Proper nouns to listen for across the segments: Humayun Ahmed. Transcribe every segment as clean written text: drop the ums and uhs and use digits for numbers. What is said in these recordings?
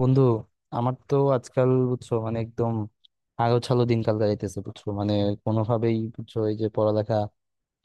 বন্ধু, আমার তো আজকাল বুঝছো মানে একদম আগাছালো দিনকাল কাটাইতেছে, বুঝছো মানে কোনোভাবেই, বুঝছো, এই যে পড়ালেখা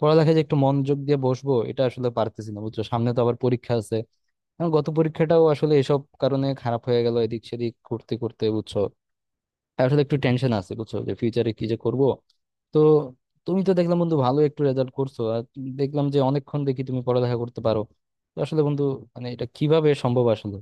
পড়ালেখা যে একটু মনোযোগ দিয়ে বসবো, এটা আসলে পারতেছি না, বুঝছো সামনে তো আবার পরীক্ষা আছে। আমার গত পরীক্ষাটাও আসলে এসব কারণে খারাপ হয়ে গেল, এদিক সেদিক করতে করতে, বুঝছো। তাই আসলে একটু টেনশন আছে, বুঝছো, যে ফিউচারে কি যে করব। তো তুমি তো দেখলাম বন্ধু ভালো একটু রেজাল্ট করছো, আর দেখলাম যে অনেকক্ষণ দেখি তুমি পড়ালেখা করতে পারো। তো আসলে বন্ধু, মানে এটা কিভাবে সম্ভব আসলে?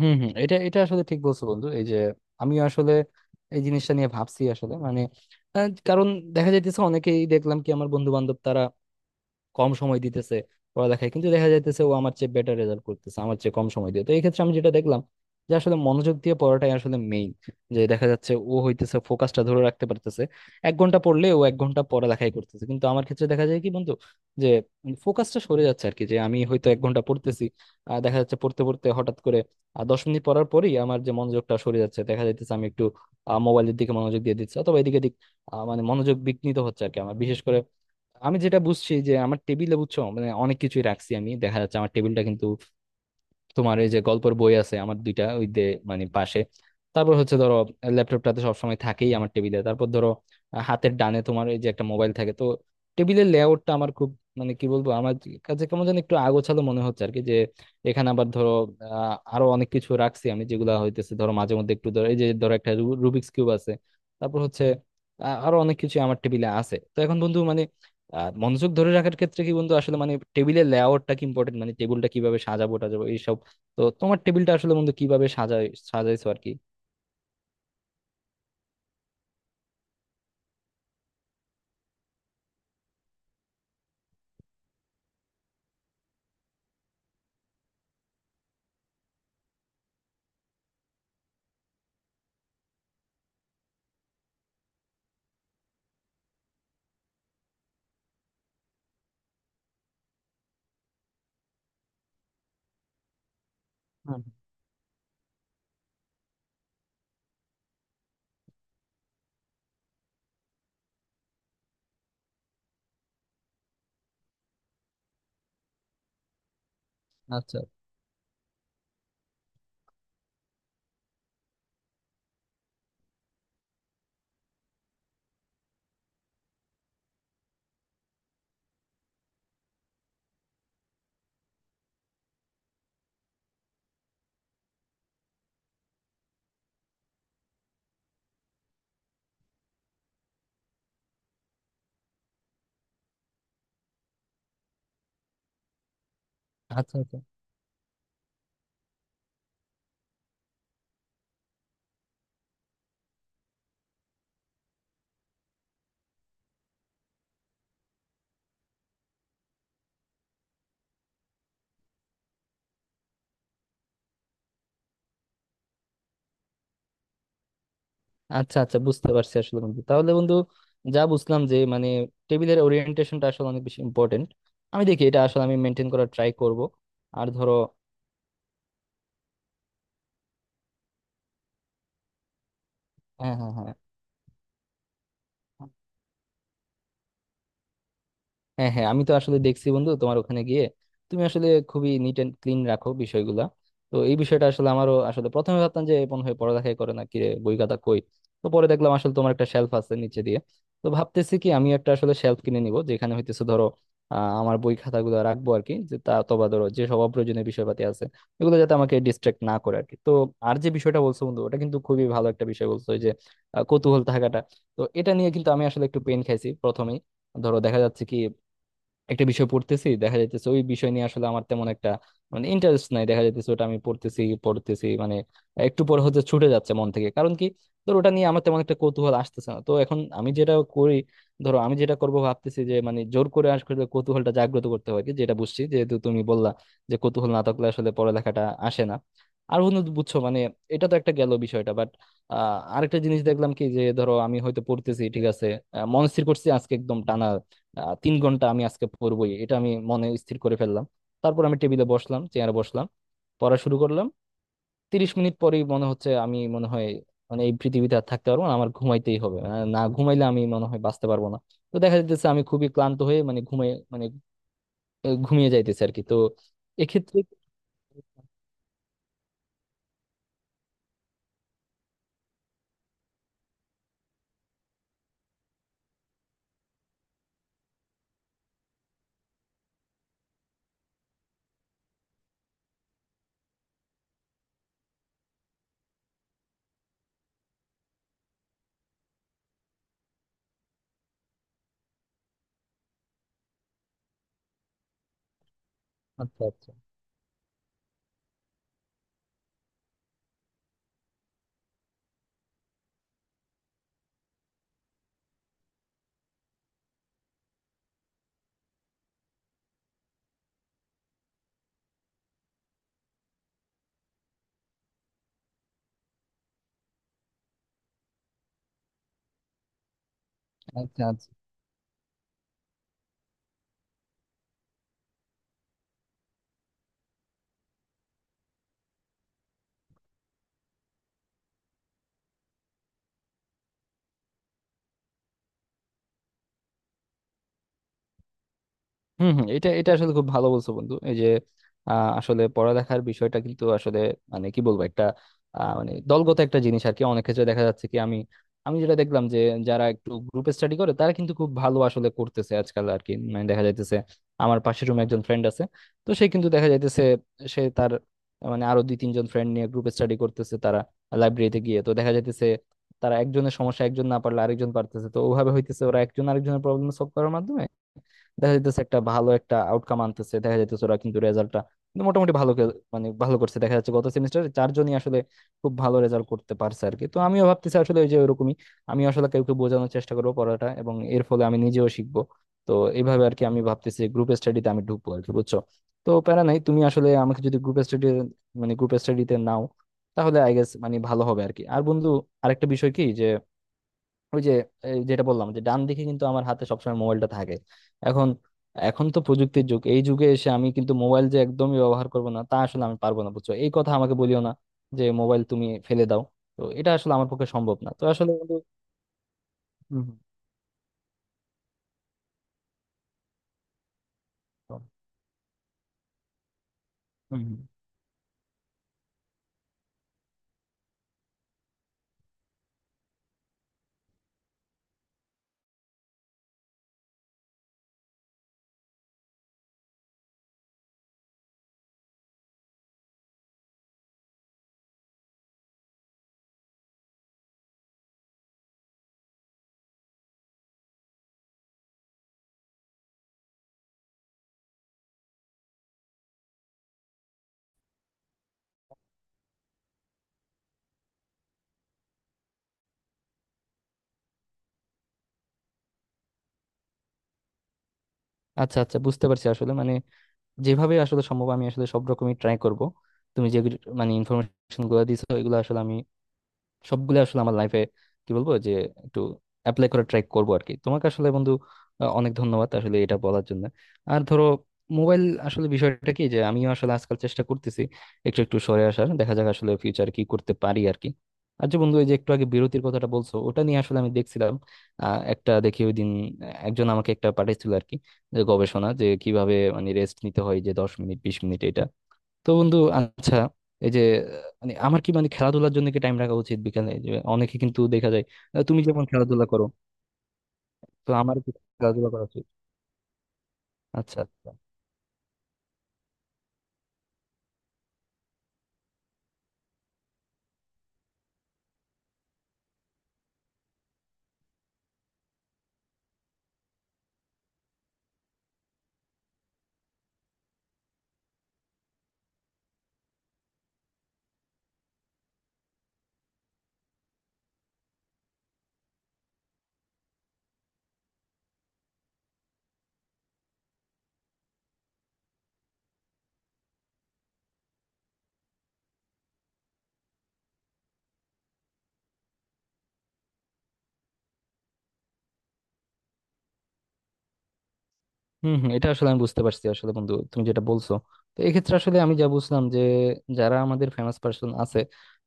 হম, হম, এটা এটা আসলে ঠিক বলছো বন্ধু। এই যে আমি আসলে এই জিনিসটা নিয়ে ভাবছি আসলে, মানে কারণ দেখা যাইতেছে অনেকেই, দেখলাম কি আমার বন্ধু বান্ধব, তারা কম সময় দিতেছে পড়ালেখায়, কিন্তু দেখা যাইতেছে ও আমার চেয়ে বেটার রেজাল্ট করতেছে আমার চেয়ে কম সময় দিয়ে। তো এই ক্ষেত্রে আমি যেটা দেখলাম যে আসলে মনোযোগ দিয়ে পড়াটাই আসলে মেইন। যে দেখা যাচ্ছে ও হইতেছে ফোকাসটা ধরে রাখতে পারতেছে। এক ঘন্টা পড়লে ও 1 ঘন্টা পড়ালেখাই করতেছে, কিন্তু আমার ক্ষেত্রে দেখা যায় কি বন্ধু, যে ফোকাসটা সরে যাচ্ছে আর কি, যে আমি হয়তো 1 ঘন্টা পড়তেছি, আর দেখা যাচ্ছে পড়তে পড়তে হঠাৎ করে আর 10 মিনিট পড়ার পরই আমার যে মনোযোগটা সরে যাচ্ছে, দেখা যাইতেছে আমি একটু মোবাইলের দিকে মনোযোগ দিয়ে দিচ্ছি অথবা এদিকে দিক। মানে মনোযোগ বিঘ্নিত হচ্ছে আর কি আমার। বিশেষ করে আমি যেটা বুঝছি যে আমার টেবিলে, বুঝছো মানে অনেক কিছুই রাখছি আমি। দেখা যাচ্ছে আমার টেবিলটা কিন্তু, তোমার এই যে গল্পের বই আছে, আমার দুইটা ওই দে, মানে পাশে। তারপর হচ্ছে ধরো ল্যাপটপটাতে সবসময় থাকেই আমার টেবিলে। তারপর ধরো হাতের ডানে তোমার এই যে একটা মোবাইল থাকে। তো টেবিলের লেআউটটা আমার খুব, মানে কি বলবো, আমার কাছে কেমন যেন একটু আগোছালো মনে হচ্ছে আর কি। যে এখানে আবার ধরো আরো অনেক কিছু রাখছি আমি, যেগুলা হইতেছে ধরো মাঝে মধ্যে একটু, ধরো এই যে, ধরো একটা রুবিক্স কিউব আছে। তারপর হচ্ছে আরো অনেক কিছু আমার টেবিলে আছে। তো এখন বন্ধু মানে মনোযোগ ধরে রাখার ক্ষেত্রে কি বন্ধু আসলে মানে টেবিলের লেআউটটা কি ইম্পর্টেন্ট? মানে টেবিলটা কিভাবে সাজাবো টাজাবো এইসব। তো তোমার টেবিলটা আসলে বন্ধু কিভাবে সাজাই সাজাইছো আর কি? হুম। আচ্ছা। আচ্ছা, আচ্ছা, আচ্ছা, আচ্ছা বুঝতে পারছি আসলে বন্ধু। তাহলে বন্ধু যা বুঝলাম যে মানে টেবিলের ওরিয়েন্টেশনটা আসলে অনেক বেশি ইম্পর্টেন্ট। আমি দেখি এটা আসলে আমি মেনটেন করার ট্রাই করব। আর ধরো হ্যাঁ, হ্যাঁ, হ্যাঁ, হ্যাঁ, হ্যাঁ, আমি তো আসলে দেখছি বন্ধু তোমার ওখানে গিয়ে, তুমি আসলে খুবই নিট এন্ড ক্লিন রাখো বিষয়গুলা। তো এই বিষয়টা আসলে, আমারও আসলে প্রথমে ভাবতাম যে মনে হয় পড়ালেখাই করে না কি রে, বই খাতা কই। তো পরে দেখলাম আসলে তোমার একটা শেলফ আছে নিচে দিয়ে। তো ভাবতেছি কি আমি একটা আসলে শেলফ কিনে নিব, যেখানে হইতেছে ধরো আমার বই খাতাগুলো রাখবো আর কি, যে তা অথবা ধরো যে সব অপ্রয়োজনীয় বিষয়পাতি আছে এগুলো, যাতে আমাকে ডিস্ট্রাক্ট না করে আর কি। তো আর যে বিষয়টা বলছো বন্ধু, ওটা কিন্তু খুবই ভালো একটা বিষয় বলছো, ওই যে কৌতূহল থাকাটা। তো এটা নিয়ে কিন্তু আমি আসলে একটু পেন খাইছি প্রথমেই। ধরো দেখা যাচ্ছে কি একটা বিষয় পড়তেছি, দেখা যাইতেছে ওই বিষয় নিয়ে আসলে আমার তেমন একটা মানে ইন্টারেস্ট নাই। দেখা যাইতেছে ওটা আমি পড়তেছি পড়তেছি মানে একটু পরে হচ্ছে ছুটে যাচ্ছে মন থেকে। কারণ কি, ধর ওটা নিয়ে আমার তেমন একটা কৌতূহল আসতেছে না। তো এখন আমি যেটা করি, ধরো আমি যেটা করবো ভাবতেছি যে মানে জোর করে আসলে কৌতূহলটা জাগ্রত করতে হয় আর কি, যেটা বুঝছি যেহেতু তুমি বললা যে কৌতূহল না থাকলে আসলে পড়ালেখাটা আসে না। আর বন্ধু বুঝছো মানে এটা তো একটা গেল বিষয়টা, বাট আরেকটা জিনিস দেখলাম কি, যে ধরো আমি হয়তো পড়তেছি, ঠিক আছে, মনস্থির করছি আজকে একদম টানা 3 ঘন্টা আমি আজকে পড়বই, এটা আমি মনে স্থির করে ফেললাম। তারপর আমি টেবিলে বসলাম, চেয়ারে বসলাম, পড়া শুরু করলাম, 30 মিনিট পরেই মনে হচ্ছে আমি মনে হয় মানে এই পৃথিবীতে আর থাকতে পারবো না, আমার ঘুমাইতেই হবে। না ঘুমাইলে আমি মনে হয় বাঁচতে পারবো না। তো দেখা যাচ্ছে আমি খুবই ক্লান্ত হয়ে মানে ঘুমিয়ে মানে ঘুমিয়ে যাইতেছে আর কি। তো এক্ষেত্রে আচ্ছা, আচ্ছা, আচ্ছা, আচ্ছা। হম, হম, এটা এটা আসলে খুব ভালো বলছো বন্ধু। এই যে আসলে পড়ালেখার বিষয়টা কিন্তু আসলে, মানে কি বলবো, একটা মানে দলগত একটা জিনিস আর কি। অনেক ক্ষেত্রে দেখা যাচ্ছে কি আমি আমি যেটা দেখলাম যে যারা একটু গ্রুপে স্টাডি করে তারা কিন্তু খুব ভালো আসলে করতেছে আজকাল আর কি। মানে দেখা যাইতেছে আমার পাশের রুমে একজন ফ্রেন্ড আছে, তো সে কিন্তু দেখা যাইতেছে সে তার মানে আরো 2-3 জন ফ্রেন্ড নিয়ে গ্রুপে স্টাডি করতেছে। তারা লাইব্রেরিতে গিয়ে, তো দেখা যাইতেছে তারা একজনের সমস্যা একজন না পারলে আরেকজন পারতেছে। তো ওভাবে হইতেছে ওরা একজন আরেকজনের প্রবলেম সলভ করার মাধ্যমে দেখা যাইতেছে একটা ভালো একটা আউটকাম আনতেছে। দেখা যাইতেছে ওরা কিন্তু রেজাল্টটা কিন্তু মোটামুটি ভালো মানে ভালো করছে। দেখা যাচ্ছে গত সেমিস্টারে চারজনই আসলে খুব ভালো রেজাল্ট করতে পারছে আর কি। তো আমিও ভাবতেছি আসলে ওই যে ওরকমই আমি আসলে কাউকে বোঝানোর চেষ্টা করবো পড়াটা, এবং এর ফলে আমি নিজেও শিখবো। তো এইভাবে আর কি আমি ভাবতেছি গ্রুপ স্টাডিতে আমি ঢুকবো আর কি, বুঝছো। তো প্যারা নাই, তুমি আসলে আমাকে যদি গ্রুপ স্টাডিতে নাও, তাহলে আই গেস মানে ভালো হবে আর কি। আর বন্ধু আরেকটা বিষয় কি যে ওই যে এই যেটা বললাম যে ডান দিকে কিন্তু আমার হাতে সবসময় মোবাইলটা থাকে। এখন এখন তো প্রযুক্তির যুগ, এই যুগে এসে আমি কিন্তু মোবাইল যে একদমই ব্যবহার করব না, তা আসলে আমি পারবো না, বুঝছো। এই কথা আমাকে বলিও না যে মোবাইল তুমি ফেলে দাও। তো এটা আসলে আমার পক্ষে সম্ভব না, তো আসলে বন্ধু হুম, হুম, হুম, হুম। আচ্ছা, আচ্ছা বুঝতে পারছি আসলে মানে যেভাবে আসলে সম্ভব আমি আসলে সব রকমই ট্রাই করব। তুমি যে মানে ইনফরমেশন গুলো দিছো এগুলো আসলে আমি সবগুলো আসলে আমার লাইফে, কি বলবো যে, একটু অ্যাপ্লাই করে ট্রাই করবো আর কি। তোমাকে আসলে বন্ধু অনেক ধন্যবাদ আসলে এটা বলার জন্য। আর ধরো মোবাইল আসলে বিষয়টা কি যে আমিও আসলে আজকাল চেষ্টা করতেছি একটু একটু সরে আসার, দেখা যাক আসলে ফিউচার কি করতে পারি আর কি। আর যে বন্ধু এই যে একটু আগে বিরতির কথাটা বলছো ওটা নিয়ে আসলে আমি দেখছিলাম একটা, দেখি ওই দিন একজন আমাকে একটা পাঠিয়েছিল আর কি, যে গবেষণা যে কিভাবে মানে রেস্ট নিতে হয়, যে 10 মিনিট 20 মিনিট এটা। তো বন্ধু আচ্ছা, এই যে মানে আমার কি মানে খেলাধুলার জন্য কি টাইম রাখা উচিত বিকালে? যে অনেকে কিন্তু দেখা যায় তুমি যেমন খেলাধুলা করো, তো আমার কি খেলাধুলা করা উচিত? আচ্ছা, আচ্ছা। হম, হম, এটা আসলে আমি বুঝতে পারছি আসলে বন্ধু তুমি যেটা বলছো। তো এক্ষেত্রে আসলে আমি যা বুঝলাম যে যারা আমাদের ফেমাস পার্সন আছে,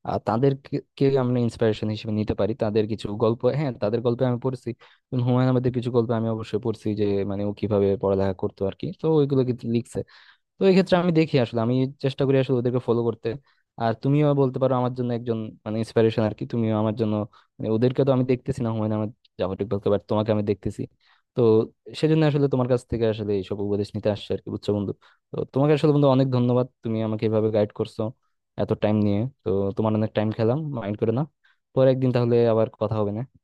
তাদেরকে কে আমরা ইন্সপিরেশন হিসেবে নিতে পারি। তাদের কিছু গল্প, হ্যাঁ, তাদের গল্পে আমি পড়ছি, যেমন হুমায়ুন আহমেদের কিছু গল্প আমি অবশ্যই পড়ছি, যে মানে ও কিভাবে পড়ালেখা করতো আর কি, তো ওইগুলো কিন্তু লিখছে। তো এই ক্ষেত্রে আমি দেখি আসলে আমি চেষ্টা করি আসলে ওদেরকে ফলো করতে। আর তুমিও বলতে পারো আমার জন্য একজন মানে ইন্সপিরেশন আর কি, তুমিও আমার জন্য, মানে ওদেরকে তো আমি দেখতেছি না, হুমায়ুন আহমেদ জাফর ইকবালকে, বাট তোমাকে আমি দেখতেছি। তো সেজন্য আসলে তোমার কাছ থেকে আসলে এইসব উপদেশ নিতে আসছে আর কি, বুঝছো বন্ধু। তো তোমাকে আসলে বন্ধু অনেক ধন্যবাদ, তুমি আমাকে এভাবে গাইড করছো এত টাইম নিয়ে। তো তোমার অনেক টাইম খেলাম, মাইন্ড করে না। পরে একদিন তাহলে আবার কথা হবে, না?